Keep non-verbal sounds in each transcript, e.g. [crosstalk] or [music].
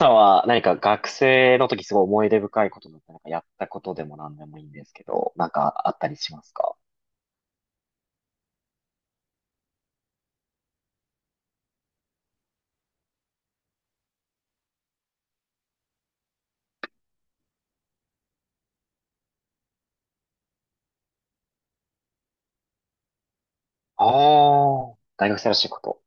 さんは何か学生の時すごい思い出深いことだったりなんかやったことでも何でもいいんですけど、なんかあったりしますか？ああー、大学生らしいこと。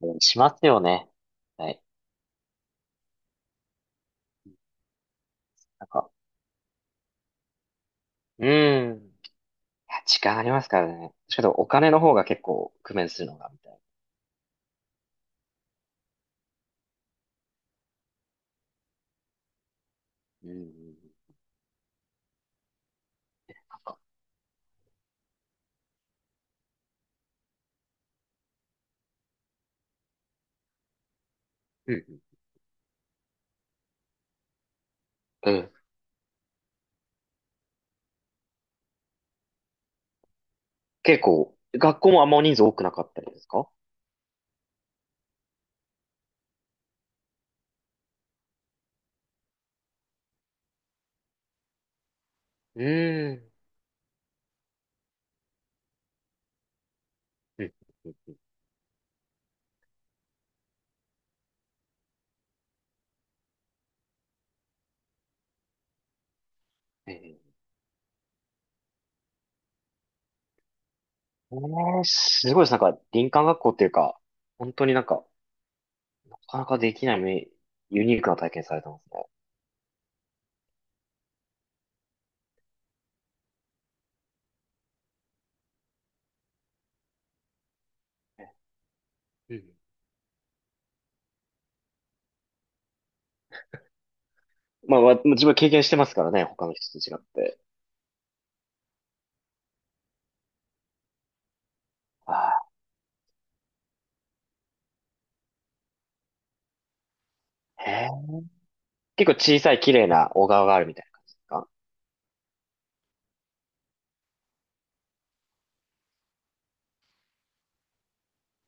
うんしますよね。はい。なんか、うん。いや、時間ありますからね。しかもお金の方が結構工面するのが、みたいな。うんうんうん。なんか、うんうん。うん。結構、学校もあんま人数多くなかったりですか？うん。うん。うんうん。えー、えーすごいです。なんか、林間学校っていうか、本当になんか、なかなかできないめユニークな体験されてますね。うん。まあ、わ自分は経験してますからね、他の人と違って。ああ、へえ。結構小さい綺麗な小川があるみたいな感じですか？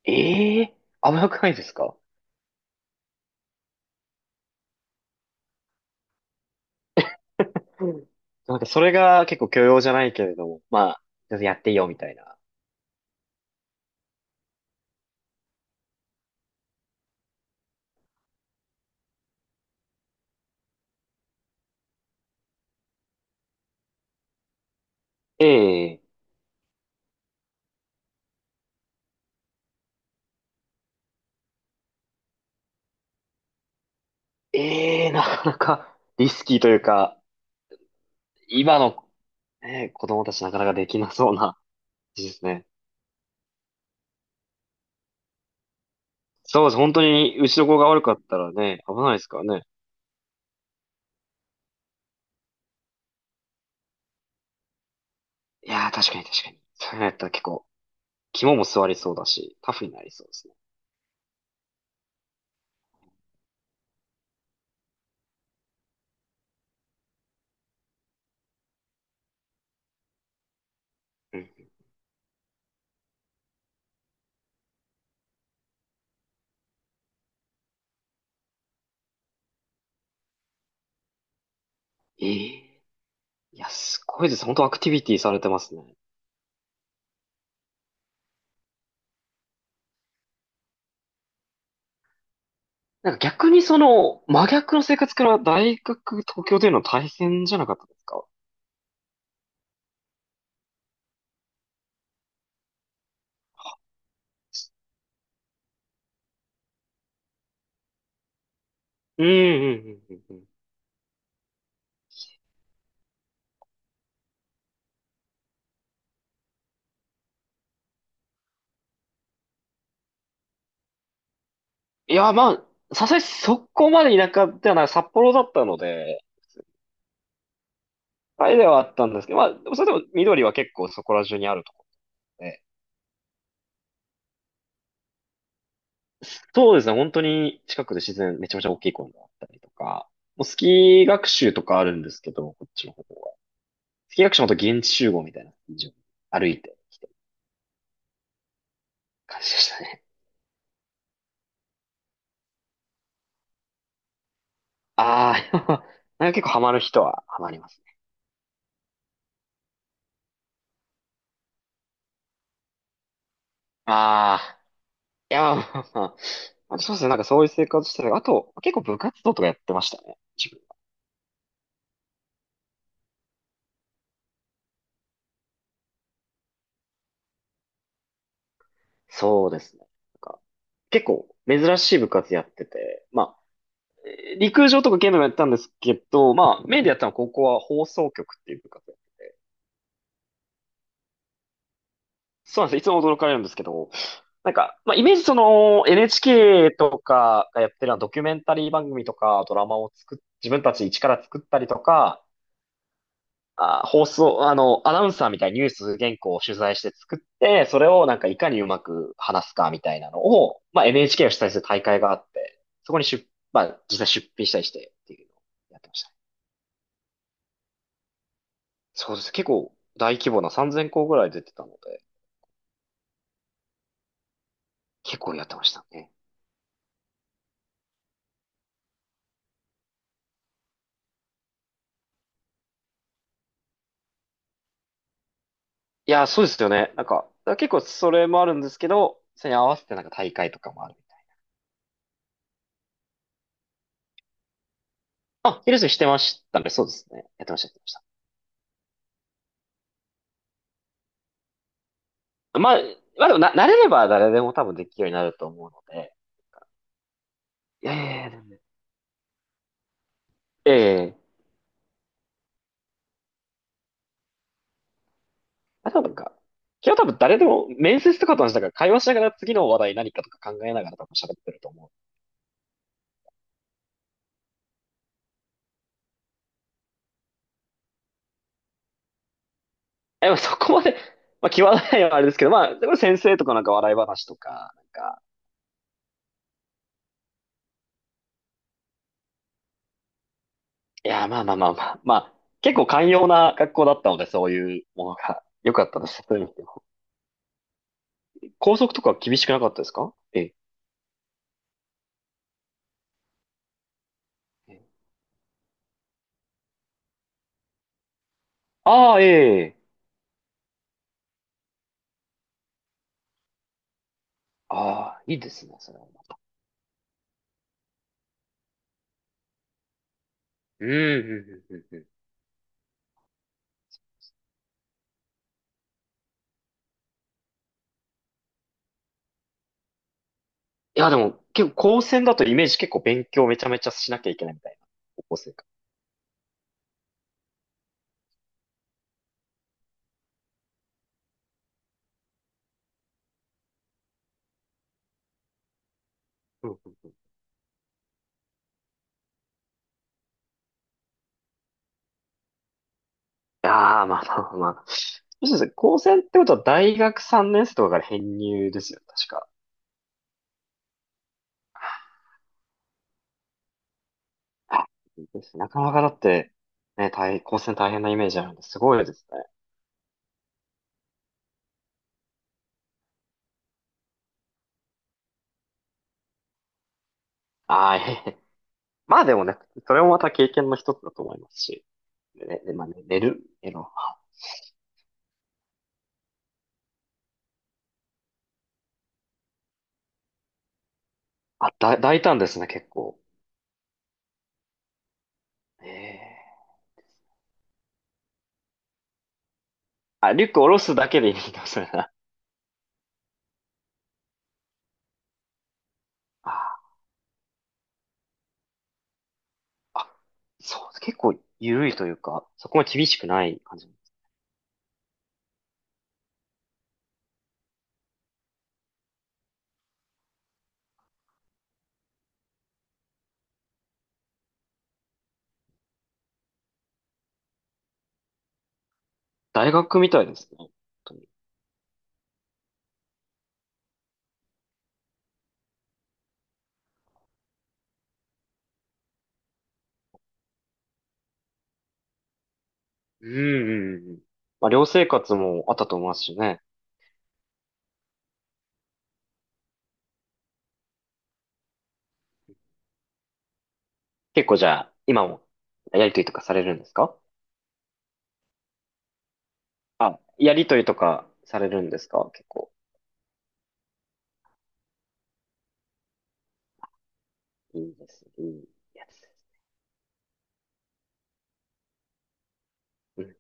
ええ、甘くないですか？うん。なんかそれが結構許容じゃないけれども、まあ、全然やっていいよみたいな。ええ、ええ、なかなかリスキーというか、今の、ね、子供たちなかなかできなそうな感じですね。そうです。本当に、うちの子が悪かったらね、危ないですからね。いやー、確かに確かに。それやったら結構、肝も座りそうだし、タフになりそうですね。うん。ええ、いや、すごいです。本当アクティビティされてますね。なんか逆にその、真逆の生活から大学、東京での大変じゃなかったですか？うん、うん、うん、うん。うん。いや、まあ、さすがにそこまで田舎ではない、札幌だったので、あれではあったんですけど、まあ、でもそれでも緑は結構そこら中にあるところで、そうですね、本当に近くで自然、めちゃめちゃ大きい公園があったりとか、もうスキー学習とかあるんですけど、こっちの方は。スキー学習もと現地集合みたいな感じで歩いてきてる感じでしたね。[laughs] ああ、[laughs] なんか結構ハマる人はハマりますね。ああ、いや、まあ、そうですね、なんかそういう生活してたりあと、結構部活動とかやってましたね、自分。そうですね。なんか結構珍しい部活やってて、まあ、陸上とか剣道もやったんですけど、まあ、メインでやったのは高校は放送局っていう部活で。そうなんです。いつも驚かれるんですけど、なんか、まあ、イメージその NHK とかがやってるのはドキュメンタリー番組とかドラマを作っ、自分たち一から作ったりとか、あ、放送、あの、アナウンサーみたいにニュース原稿を取材して作って、それをなんかいかにうまく話すかみたいなのを、まあ、NHK を主催する大会があって、そこに出、まあ、実際出品したりしてっていうのをやってました。そうです。結構大規模な3000校ぐらい出てたので、結構やってましたね。いや、そうですよね。なんか、だから結構それもあるんですけど、それに合わせてなんか大会とかもあるみたいな。あ、ヒルスしてましたね。そうですね。やってました、やってました。まあ、まあでもな、慣れれば誰でも多分できるようになると思うので。いやいやいや、でもいやいやいや、あとはなんか、今日多分誰でも面接とかと話したから会話しながら次の話題何かとか考えながら多分喋ってると思う。え、まあそこまで、まあ、際どいのはあれですけど、まあ、でも先生とかなんか笑い話とか、いや、まあ。まあ、結構寛容な学校だったので、そういうものが良 [laughs] かったです。そういう意味では校則とか厳しくなかったですか？ええ。ああ、ええ。ああ、いいですね、それは。うん、うん、うん、うん。うん。いや、でも、結構、高専だとイメージ結構勉強めちゃめちゃしなきゃいけないみたいな、高校生か。うんうん。いやー、まあ、そうですね、高専ってことは大学3年生とかから編入ですよ、確か。あ、いいですね、なかなかだって、ね、高専大変なイメージあるんで、すごいですね。ああ、ええ。まあでもね、それもまた経験の一つだと思いますし。でね、で、まあ、ね、寝る、寝あ、だ、大胆ですね、結構。ええ、あ、リュック下ろすだけでいいんだ、それな。ああ、そう、結構緩いというか、そこも厳しくない感じ。大学みたいですね、本当に。うんうんうんうん。まあ、寮生活もあったと思いますしね。結構じゃあ、今もやりとりとかされるんですか？あ、やりとりとかされるんですか結構。いいですね。いいやつです。うん。